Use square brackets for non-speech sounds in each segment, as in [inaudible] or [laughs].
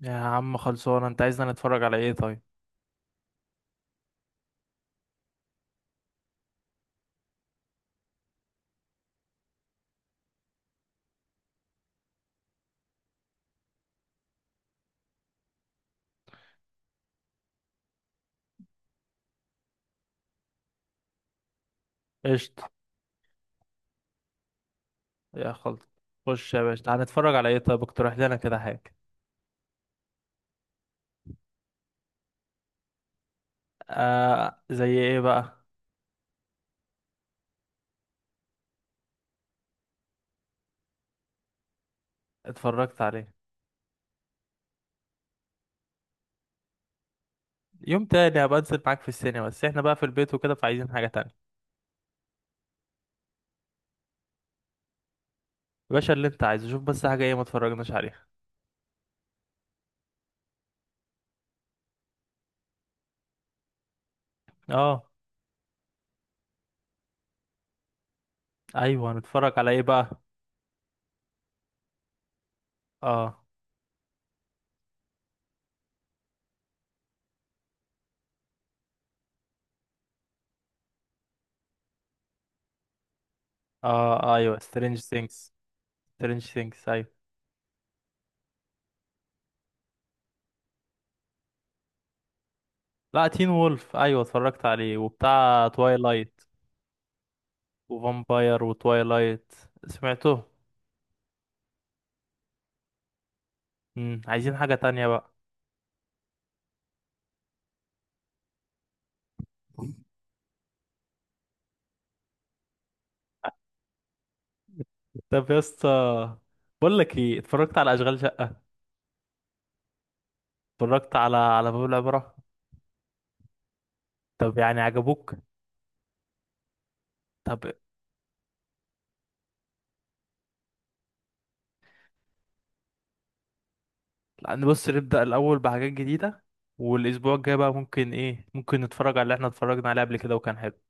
يا عم خلصونا، انت عايزنا نتفرج على ايه طيب؟ قشطة. يا خلص. خش يا باشا، تعال نتفرج على ايه طيب؟ اقترح لنا كده حاجة. آه، زي ايه بقى؟ اتفرجت عليه. يوم تاني هبقى انزل معاك في السينما، بس احنا بقى في البيت وكده، فعايزين حاجة تانية. يا باشا اللي انت عايزه، شوف بس حاجة ايه ما اتفرجناش عليها. اه، ايوه، نتفرج على ايه بقى؟ اه، اه، ايوه، سترينج ثينجز. سترينج ثينجز، ايوه. لا، تين وولف، ايوه، اتفرجت عليه، وبتاع توايلايت. وفامباير وتوايلايت. سمعته. عايزين حاجة تانية بقى. طب يا اسطى، بقول لك ايه، اتفرجت على اشغال شقة؟ اتفرجت على باب العبرة؟ طب يعني عجبوك؟ طب نبص نبدأ الاول بحاجات جديدة. والاسبوع الجاي بقى ممكن ايه، ممكن نتفرج على اللي احنا اتفرجنا عليه قبل كده وكان حلو.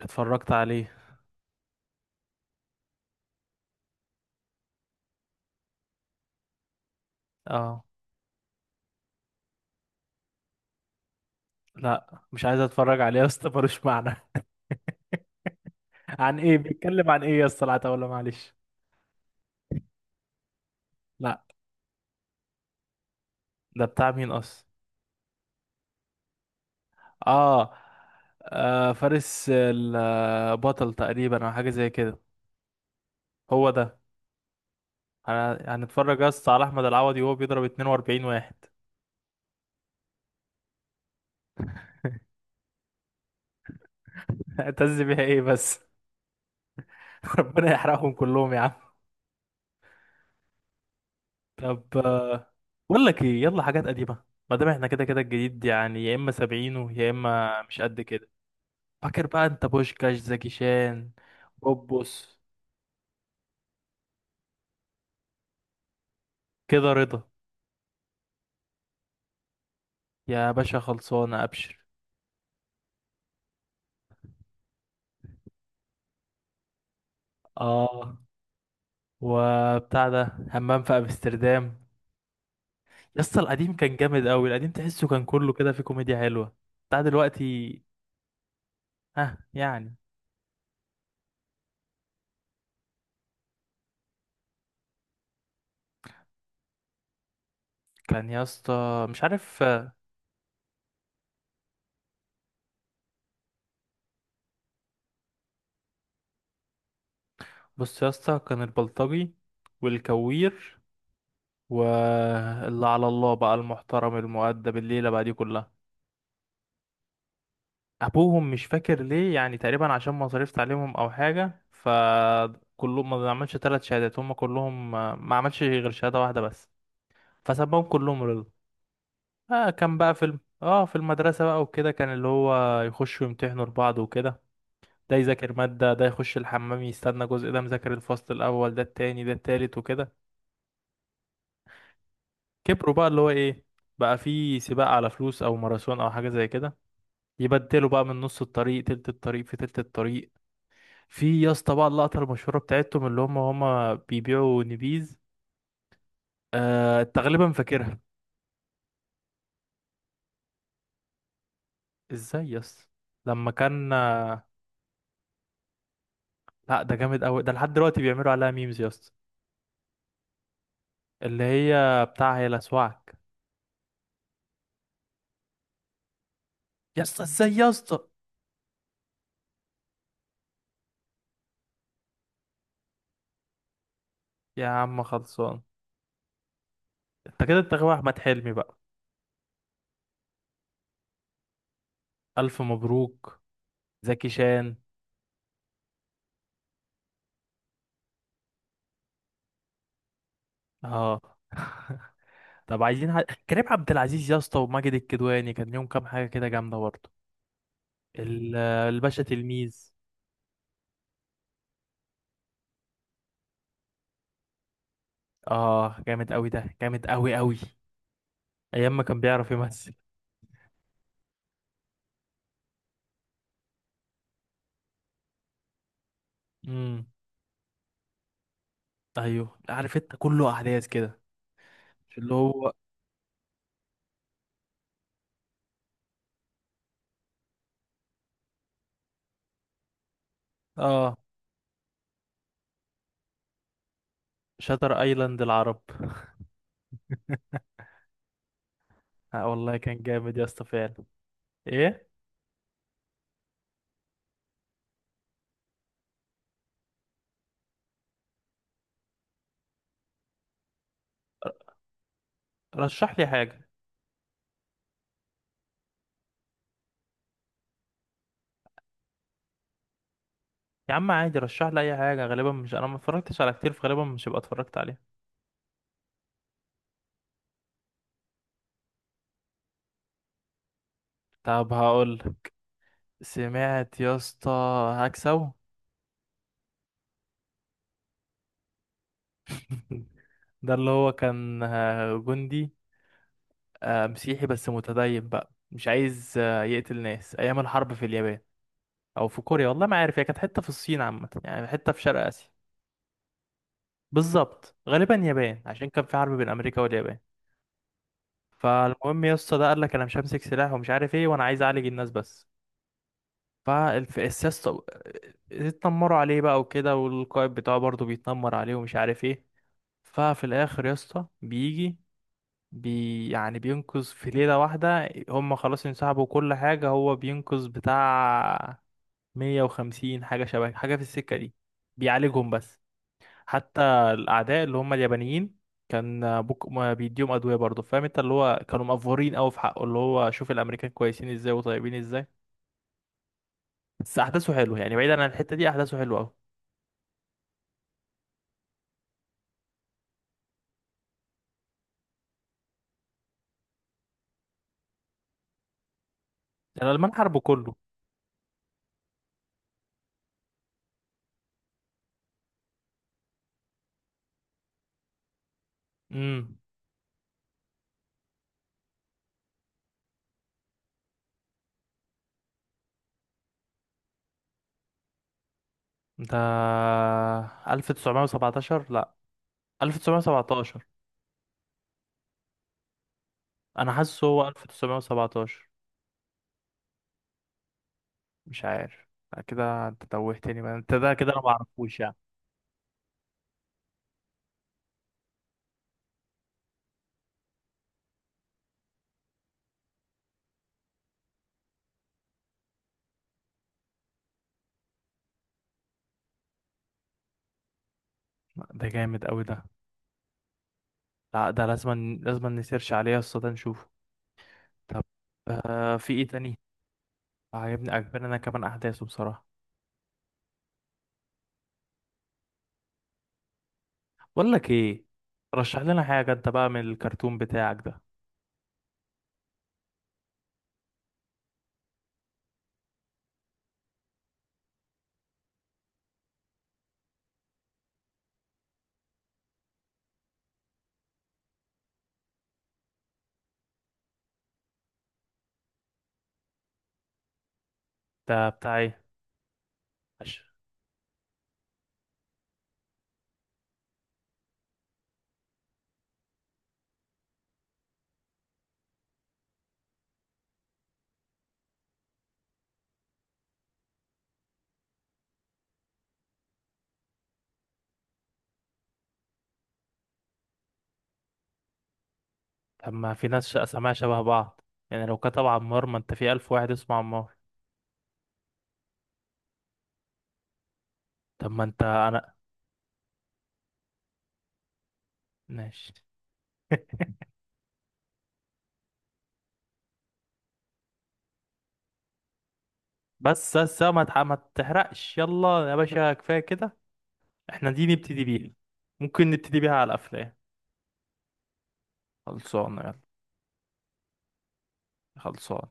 اتفرجت عليه. اه، لا، مش عايز اتفرج عليه يا اسطى، ملوش معنى. [laughs] عن ايه بيتكلم، عن ايه يا اسطى؟ لا، ولا معلش. لا. ده بتاع مين اصلا؟ اه. آه، فارس البطل تقريبا او حاجة زي كده. هو ده. انا هنتفرج بس على احمد العوضي وهو بيضرب 42 واحد. [laughs] هتز بيها ايه بس؟ [laughs] ربنا يحرقهم كلهم يا عم. طب. بقول لك ايه، يلا حاجات قديمه. ما دام احنا كده كده الجديد يعني يا اما سبعينه يا اما مش قد كده. فاكر بقى انت بوشكاش زكي شان؟ بوبوس. كده رضا. يا باشا خلصانه، ابشر. اه، وبتاع ده همام في امستردام. يسطا القديم كان جامد قوي، القديم تحسه كان كله كده في كوميديا حلوه. بتاع دلوقتي. ها يعني. كان يا اسطى مش عارف. بص يا اسطى، كان البلطجي، والكوير، واللي على الله بقى المحترم المؤدب، الليلة بقى دي كلها. أبوهم مش فاكر ليه، يعني تقريبا عشان مصاريف تعليمهم أو حاجة، فكلهم ما عملش ثلاث شهادات، هم كلهم ما عملش غير شهادة واحدة بس. فسبهم كلهم رضا. آه، كان بقى في المدرسة بقى وكده، كان اللي هو يخشوا يمتحنوا لبعض وكده. ده يذاكر مادة، ده يخش الحمام يستنى جزء، ده مذاكر الفصل الأول، ده التاني، ده التالت وكده. كبروا بقى اللي هو ايه، بقى في سباق على فلوس او ماراثون او حاجه زي كده. يبدلوا بقى من نص الطريق، تلت الطريق، في تلت الطريق. في يا اسطى بقى اللقطه المشهوره بتاعتهم، اللي هم بيبيعوا نبيذ. آه تقريبا فاكرها. ازاي يا اسطى؟ لما كان آه، لا، ده جامد قوي، ده لحد دلوقتي بيعملوا عليها ميمز يا اسطى. اللي هي بتاع هي لسواك. يا اسطى ازاي يا اسطى؟ يا عم خلصان. انت كده انت غاوي احمد حلمي بقى. الف مبروك. زكي شان. اه. طب عايزين كريم عبد العزيز يا اسطى وماجد الكدواني، كان ليهم كام حاجه كده جامده برضه. الباشا تلميذ. اه، جامد قوي ده، جامد قوي قوي. ايام ما كان بيعرف يمثل. امم. ايوه عارف، انت كله احداث كده. مش اللي هو. اه، شاتر ايلاند العرب. آه والله، كان جامد يا اسطى فعلا. ايه؟ رشح لي حاجه. يا عم عادي، رشح لي اي حاجه، غالبا مش، انا ما اتفرجتش على كتير، فغالبا مش هبقى اتفرجت عليها. طب هقول. سمعت يا اسطى هكسو؟ [laughs] ده اللي هو كان جندي مسيحي بس متدين بقى، مش عايز يقتل ناس ايام الحرب في اليابان، او في كوريا، والله ما عارف، هي كانت حته في الصين عامه، يعني حته في شرق اسيا. بالظبط غالبا يابان، عشان كان في حرب بين امريكا واليابان. فالمهم يا اسطى، ده قال لك انا مش همسك سلاح ومش عارف ايه، وانا عايز اعالج الناس بس. فالسياسة اتنمروا عليه بقى وكده، والقائد بتاعه برضه بيتنمر عليه ومش عارف ايه. ففي الاخر يا اسطى بيجي يعني بينقذ في ليلة واحدة. هم خلاص انسحبوا كل حاجة، هو بينقذ بتاع 150 حاجة شبه حاجة في السكة دي. بيعالجهم بس. حتى الأعداء اللي هم اليابانيين، كان بوك ما بيديهم أدوية برضه، فاهم انت، اللي هو كانوا مأفورين أوي في حقه، اللي هو شوف الأمريكان كويسين ازاي وطيبين ازاي. بس أحداثه حلوة، يعني بعيدا عن الحتة دي أحداثه حلوة أوي. يعني الألمان حاربوا كله. امم. ده 1917؟ لا. 1917. انا حاسس هو 1917. مش عارف. لا كده انت توهتني بقى، انت ده كده انا ما اعرفوش يعني. ده جامد قوي ده. لا ده لازم لازم نسيرش عليه يا اسطى، ده نشوفه. طب. في ايه تاني؟ عجبني، عجبني انا كمان احداثه بصراحة. بقول لك ايه، رشح لنا حاجة انت بقى من الكرتون بتاعك ده. ده بتاع ايه؟ عش- طب ما في ناس اساميها شبه بعض، يعني لو كتب عمار، ما انت في الف واحد اسمه عمار. طب ما انت انا. ماشي. [laughs] بس بس، ما تحرقش، يلا يا باشا كفايه كده. احنا دي نبتدي بيها. ممكن نبتدي بيها على الافلام. خلصانه يلا. خلصان.